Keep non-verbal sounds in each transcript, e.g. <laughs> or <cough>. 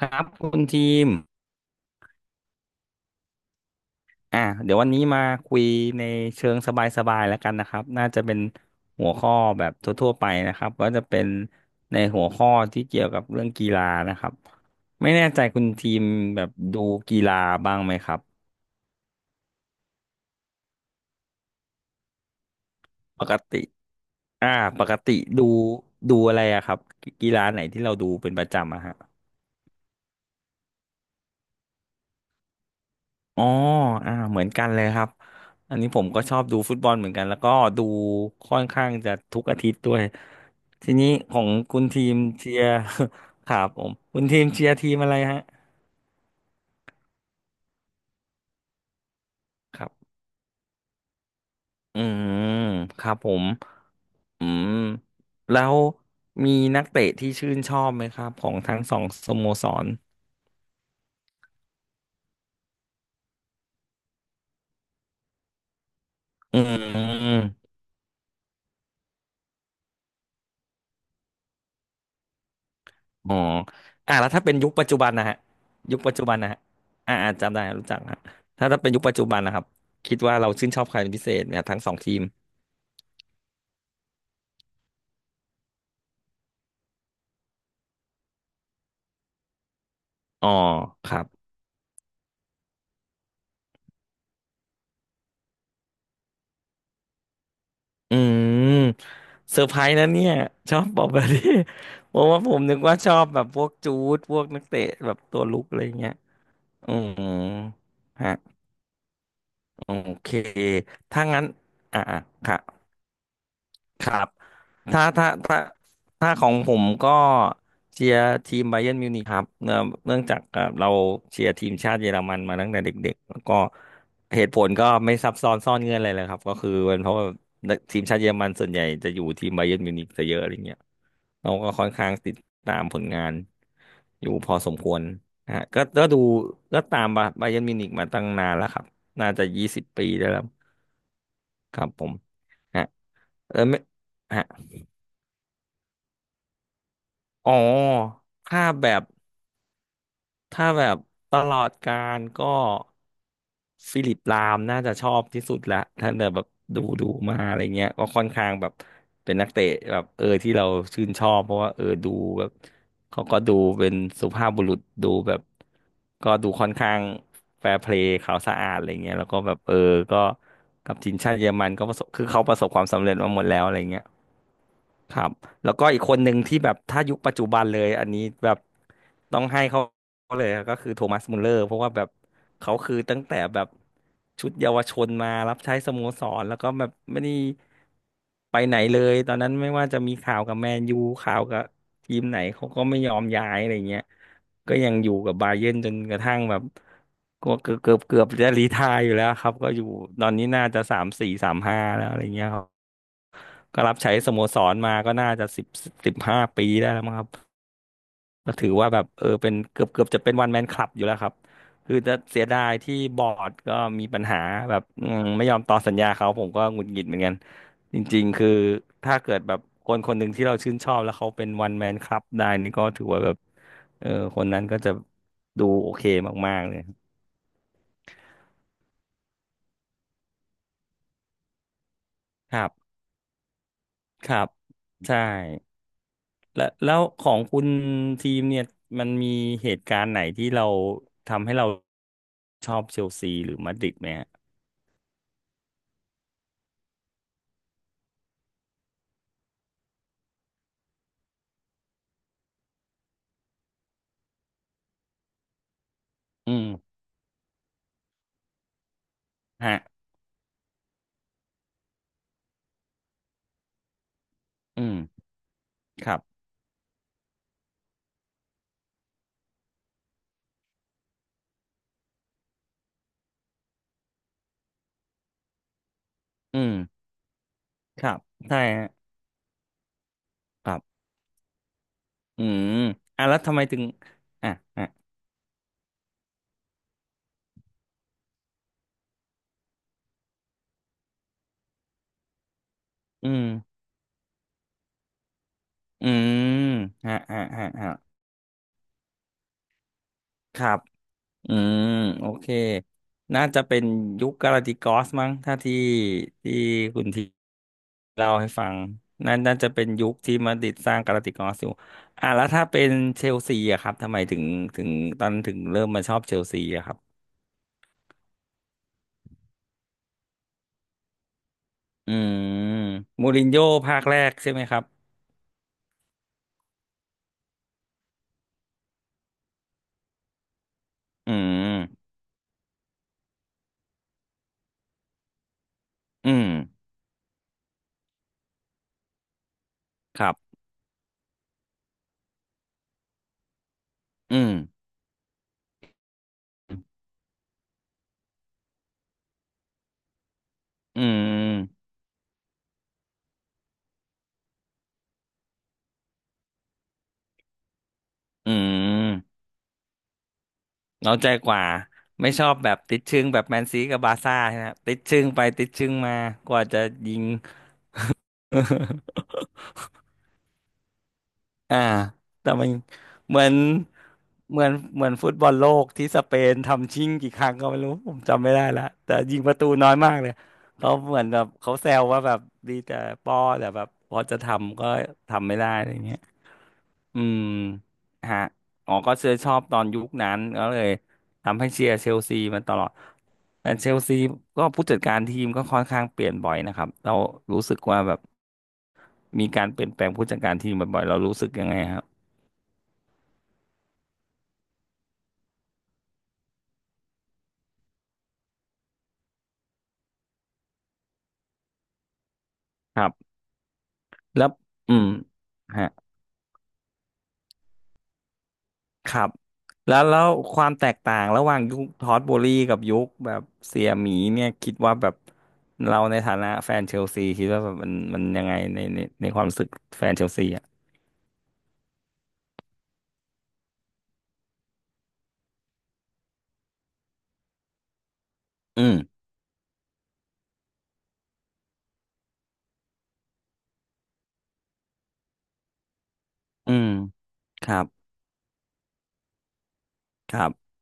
ครับคุณทีมอ่ะเดี๋ยววันนี้มาคุยในเชิงสบายๆแล้วกันนะครับน่าจะเป็นหัวข้อแบบทั่วๆไปนะครับก็จะเป็นในหัวข้อที่เกี่ยวกับเรื่องกีฬานะครับไม่แน่ใจคุณทีมแบบดูกีฬาบ้างไหมครับปกติอ่าปกติดูดูอะไรอะครับกีฬาไหนที่เราดูเป็นประจำอะฮะ อ๋ออ่าเหมือนกันเลยครับ อันนี้ผมก็ชอบดูฟุตบอลเหมือนกันแล้วก็ดูค่อนข้างจะทุกอาทิตย์ด้วยทีนี้ของคุณทีมเชียร์ <laughs> ครับผมคุณทีมเชียร์ทีมอะไรฮะครับอืมครับผมอืมแล้วมีนักเตะที่ชื่นชอบไหมครับของทั้งสองสโมสรอืม อ๋ออ่ะแล้วถ้าเป็นยุคปัจจุบันนะฮะยุคปัจจุบันนะฮะอ่าอ่าจำได้รู้จักฮะถ้าเป็นยุคปัจจุบันนะครับคิดว่าเราชื่นชอบใครเป็นพิเศษเนี่ยทั้งสองทีมอ๋อครับอืมเซอร์ไพรส์นะเนี่ยชอบบอกแบบนี้ <laughs> เพราะว่าผมนึกว่าชอบแบบพวกจูดพวกนักเตะแบบตัวลุกอะไรเงี้ยอืมฮะโอเคถ้างั้นอ่าอ่ะคะ ครับถ้าถ้าถ้าถ้าของผมก็เชียร์ทีมไบเยิร์นมิวนิกครับเนื่องจากเราเชียร์ทีมชาติเยอรมันมาตั้งแต่เด็กๆแล้วก็เหตุผลก็ไม่ซับซ้อนซ่อนเงื่อนอะไรเลยครับก็คือเป็นเพราะว่าทีมชาติเยอรมันส่วนใหญ่จะอยู่ทีมไบเยิร์นมิวนิกซะเยอะอะไรเงี้ยเราก็ค่อนข้างติดตามผลงานอยู่พอสมควรนะฮะก็ดูก็ตามไบเยิร์นมิวนิกมาตั้งนานแล้วครับน่าจะ20 ปีได้แล้วครับผมฮะเออไม่ฮะ อ๋อถ้าแบบถ้าแบบตลอดการก็ฟิลิปลามน่าจะชอบที่สุดละถ้าแบบดูดูมาอะไรเงี้ยก็ค่อนข้างแบบเป็นนักเตะแบบเออที่เราชื่นชอบเพราะว่าเออดูแบบเขาก็ดูเป็นสุภาพบุรุษดูแบบก็ดูค่อนข้างแฟร์เพลย์ขาวสะอาดอะไรเงี้ยแล้วก็แบบเออก็กับทีมชาติเยอรมันก็ประสบคือเขาประสบความสำเร็จมาหมดแล้วอะไรเงี้ย ครับแล้วก็อีกคนหนึ่งที่แบบถ้ายุคปัจจุบันเลยอันนี้แบบต้องให้เขาเลยก็คือโทมัสมุลเลอร์เพราะว่าแบบเขาคือตั้งแต่แบบชุดเยาวชนมารับใช้สโมสรแล้วก็แบบไม่ได้ไปไหนเลยตอนนั้นไม่ว่าจะมีข่าวกับแมนยูข่าวกับทีมไหนเขาก็ไม่ยอมย้ายอะไรเงี้ยก็ยังอยู่กับบาเยิร์นจนกระทั่งแบบก็เกือบจะรีไทร์อยู่แล้วครับก็อยู่ตอนนี้น่าจะสามสี่สามห้าแล้วอะไรเงี้ย ก็รับใช้สโมสรมาก็น่าจะสิบ15 ปีได้แล้วมั้งครับก็ถือว่าแบบเออเป็นเกือบเกือบจะเป็นวันแมนคลับอยู่แล้วครับคือจะเสียดายที่บอร์ดก็มีปัญหาแบบอืมไม่ยอมต่อสัญญาเขาผมก็หงุดหงิดเหมือนกันจริงๆคือถ้าเกิดแบบคนคนหนึ่งที่เราชื่นชอบแล้วเขาเป็นวันแมนคลับได้นี่ก็ถือว่าแบบเออคนนั้นก็จะดูโอเคมากๆเลยครับครับใช่ แล้วของคุณทีมเนี่ยมันมีเหตุการณ์ไหนที่เราทำให้เราชอบเชลซีหรือมาดริดไหมฮะอืมฮะอืมครับอืมครับใช่ฮะครับอืมอ่ะแล้วทำไมถึงอ่ะอ่ะอืมอืมฮะฮะฮะฮะครับอืมโอเคน่าจะเป็นยุคกาลาติกอสมั้งถ้าที่คุณที เล่าให้ฟังนั่นน่าจะเป็นยุคที่มาดริดสร้างกาลาติกอสอยู่อ่ะแล้วถ้าเป็นเชลซีอะครับทำไมถึงตอนถึงเริ่มมาชอบเชลซีอะครับอืมมูรินโญ่ภาคแรกใช่ไหมครับอืมอืมครับอืมอืมอืมเราใจกว่าไม่ชอบแบบติดชึ่งแบบแมนซีกับบาร์ซ่าใช่ไหมติดชึ่งไปติดชึ่งมากว่าจะยิง <laughs> อ่าแต่มันเหมือนเหมือนฟุตบอลโลกที่สเปนทำชิ่งกี่ครั้งก็ไม่รู้ผมจำไม่ได้ละแต่ยิงประตูน้อยมากเลยเขาเหมือนแบบเขาแซวว่าแบบดีแต่ป้อแต่แบบพอจะทำก็ทำไม่ได้อะไรเงี้ยอืมฮะอ๋อก็เชื่อชอบตอนยุคนั้นก็เลยทำให้เชียร์เชลซีมาตลอดแต่เชลซีก็ผู้จัดการทีมก็ค่อนข้างเปลี่ยนบ่อยนะครับเรารู้สึกว่าแบบมีการเปลี่ยนแปลงผู้จัดการทีมบ่อยๆเรารู้สึกยังไงครับ แล้วอืมฮะครับแล้วความแตกต่าง ระหว่างยุคทอตโบรี่กับยุคแบบเสียหมีเนี่ย คิดว่าแบบ เราในฐานะแฟนเชลซี คิดว่าแบบมันยังไง ในความรู้สึกแฟนเชลซีอ่ะอืม อืมครับครับ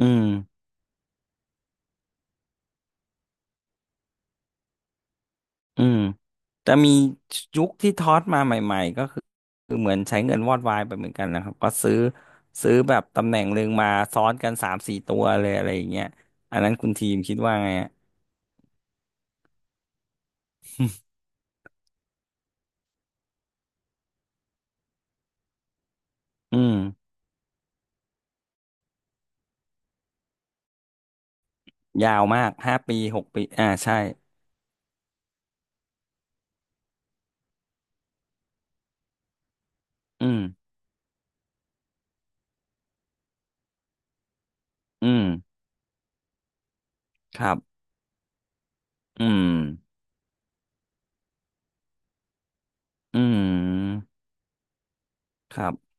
อืมอืมแต่มียุคที่ทอสมาใหม่ ๆ ก็คือเหมือนใช้เงินวอดวายไปเหมือนกันนะครับก็ซื้อแบบตำแหน่งหนึ่งมาซ้อนกันสามสี่ตัวเลย อะไรอย่างเงี้ยอันนั้นคุณทีมคิดว่าไงอะอืม ยาวมากห้าปีหกปีอ่าใช่อืมอืมครับอืมอืมครับ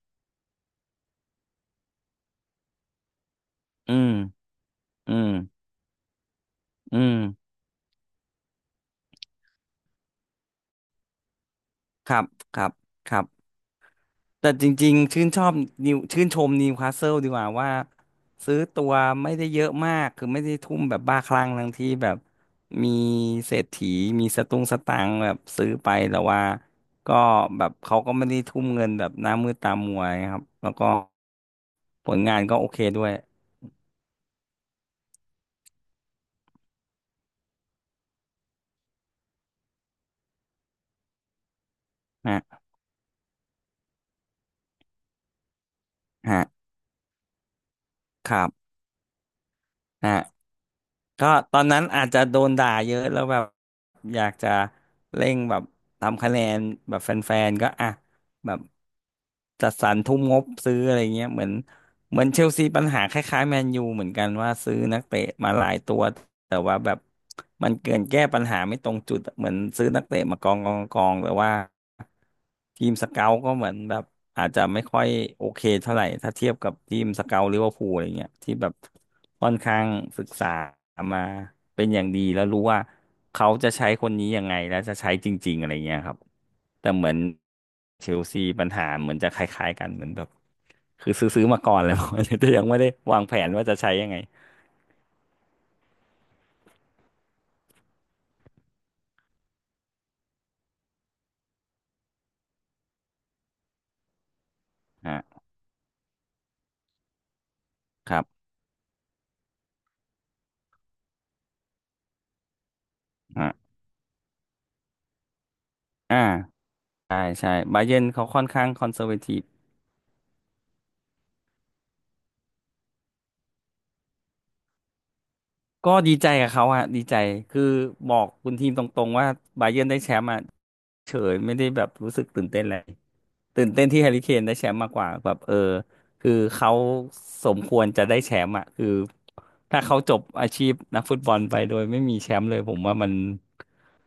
อืมอืมอืมครับครับครับแต่จริงๆชื่นชมนิวคาสเซิลดีกว่าว่าซื้อตัวไม่ได้เยอะมากคือไม่ได้ทุ่มแบบบ้าคลั่งทั้งที่แบบมีเศรษฐีมีสตุ้งสตางค์แบบซื้อไปแต่ว่าก็แบบเขาก็ไม่ได้ทุ่มเงินแบบหน้ามืดตามัวนะครับแล้วก็ผลงานก็โอเคด้วยนะฮะ ครับอ่ะก็ตอนนั้นอาจจะโดนด่าเยอะแล้วแบบอยากจะเร่งแบบทำคะแนนแบบแฟนๆก็อ่ะแบบจัดสรรทุ่มงบซื้ออะไรเงี้ยเหมือนเชลซีปัญหาคล้ายๆแมนยูเหมือนกันว่าซื้อนักเตะมาหลายตัวแต่ว่าแบบมันเกินแก้ปัญหาไม่ตรงจุดอะเหมือนซื้อนักเตะมากองกองกองแต่ว่า ทีมสเกาต์ก็เหมือนแบบอาจจะไม่ค่อยโอเคเท่าไหร่ถ้าเทียบกับทีมสเกาต์ลิเวอร์พูลอะไรเงี้ยที่แบบค่อนข้างศึกษามาเป็นอย่างดีแล้วรู้ว่าเขาจะใช้คนนี้ยังไงแล้วจะใช้จริงๆอะไรเงี้ยครับแต่เหมือนเชลซีปัญหาเหมือนจะคล้ายๆกันเหมือนแบบคือซื้อมาก่อนแล้ว <laughs> แต่ยังไม่ได้วางแผนว่าจะใช้ยังไงอ่ะครับอ่ะอ่าใช่ใช่บาเยิร์นเขาค่อนข้างคอนเซอร์เวทีฟ ก็ดีใจกับเขาอะดีใจคือบอกคุณทีมตรงๆว่าบาเยิร์นได้แชมป์อะเฉยไม่ได้แบบรู้สึกตื่นเต้นอะไรตื่นเต้นที่แฮร์รี่เคนได้แชมป์มากกว่าแบบเออคือเขาสมควรจะได้แชมป์อะคือถ้าเขาจบอาชีพนักฟุตบอลไปโดยไม่มีแชมป์เลยผมว่ามัน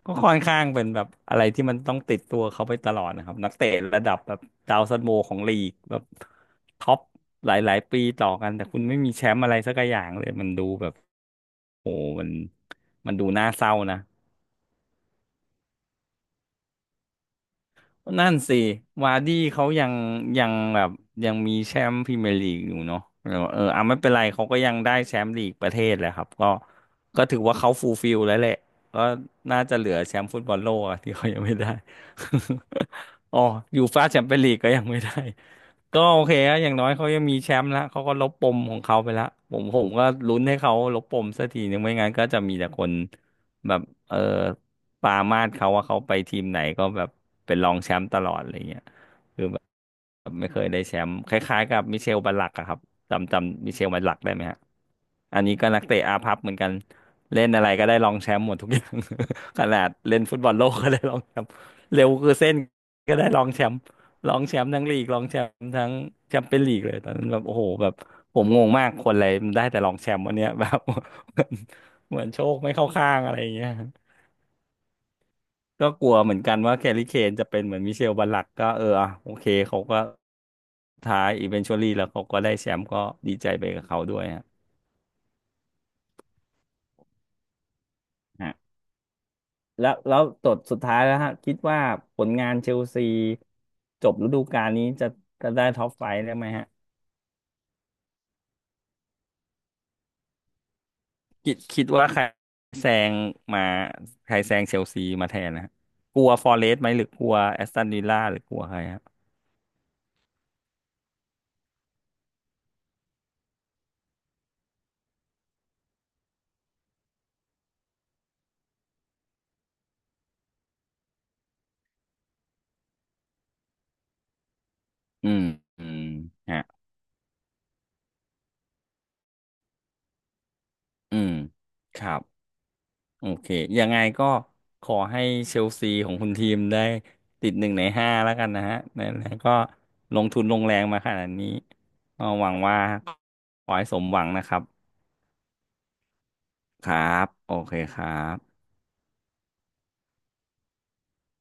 ก็ค่อนข้างเป็นแบบอะไรที่มันต้องติดตัวเขาไปตลอดนะครับนักเตะระดับแบบดาวซันโวของลีกแบบท็อปหลายๆ ปีต่อกันแต่คุณไม่มีแชมป์อะไรสักอย่างเลยมันดูแบบโอ้มันมันดูน่าเศร้านะ นั่นสิวาร์ดี้เขายังแบบยังมีแชมป์พรีเมียร์ลีกอยู่เนาะเออเอออ่ะไม่เป็นไรเขาก็ยังได้แชมป์ลีกประเทศแหละครับก็ก็ถือว่าเขาฟูลฟิลแล้วแหละก็น่าจะเหลือแชมป์ฟุตบอลโลกอะ <laughs> ที่เขายังไม่ได้ <laughs> อ๋อยูฟ่าแชมเปี้ยนลีกก็ยังไม่ได้ <laughs> ก็โอเคอะอย่างน้อยเขายังมีแชมป์ละเขาก็ลบปมของเขาไปละผมก็ลุ้นให้เขาลบปมสักทีนึงไม่งั้นก็จะมีแต่คนแบบเออ ปรามาสเขาว่าเขาไปทีมไหนก็แบบเป็นรองแชมป์ตลอดอะไรเงี้ยคือแบบไม่เคยได้แชมป์คล้ายๆกับมิเชลบัลลักอะครับจำมิเชลบัลลักได้ไหมฮะอันนี้ก็นักเตะอาภัพเหมือนกันเล่นอะไรก็ได้รองแชมป์หมดทุกอย่าง <laughs> ขนาดเล่นฟุตบอลโลกก็ได้รองแชมป์เร็วคือเส้นก็ได้รองแชมป์รองแชมป์ทั้งลีกรองแชมป์ทั้งแชมเปี้ยนลีกเลยตอนนั้นแบบโอ้โหแบบผมงงมากคนอะไรมันได้แต่รองแชมป์วันเนี้ย <laughs> แบบ <laughs> เหมือนโชคไม่เข้าข้างอะไรอย่างเงี้ย ก็กลัวเหมือนกันว่าแคลรี่เคนจะเป็นเหมือนมิเชลบัลลักก็เอออ่ะโอเคเขาก็ท้ายอีเวนชวลี่แล้วเขาก็ได้แชมป์ก็ดีใจไปกับเขาด้วยฮะฮะแล้วแล้วตดสุดท้ายแล้วฮะคิดว่าผลงานเชลซีจบฤดูกาลนี้จะจะได้ท็อปไฟว์ได้ไหมฮะคิดว่าแซงมาใครแซงเชลซีมาแทนนะฮะกลัวฟอเรสต์ไหมหรือกลัวแอสตันวิลล่าหรือกลัวใครฮะอืมอืมฮะอืมครับ โอเค ยังไงก็ขอให้เชลซีของคุณทีมได้ติดหนึ่งในห้าแล้วกันนะฮะนั่นแหละก็ลงทุนลงแรงมาขนาดนี้ก็หวังว่าขอให้สมหวังนะครับ ครับ โอเคครับ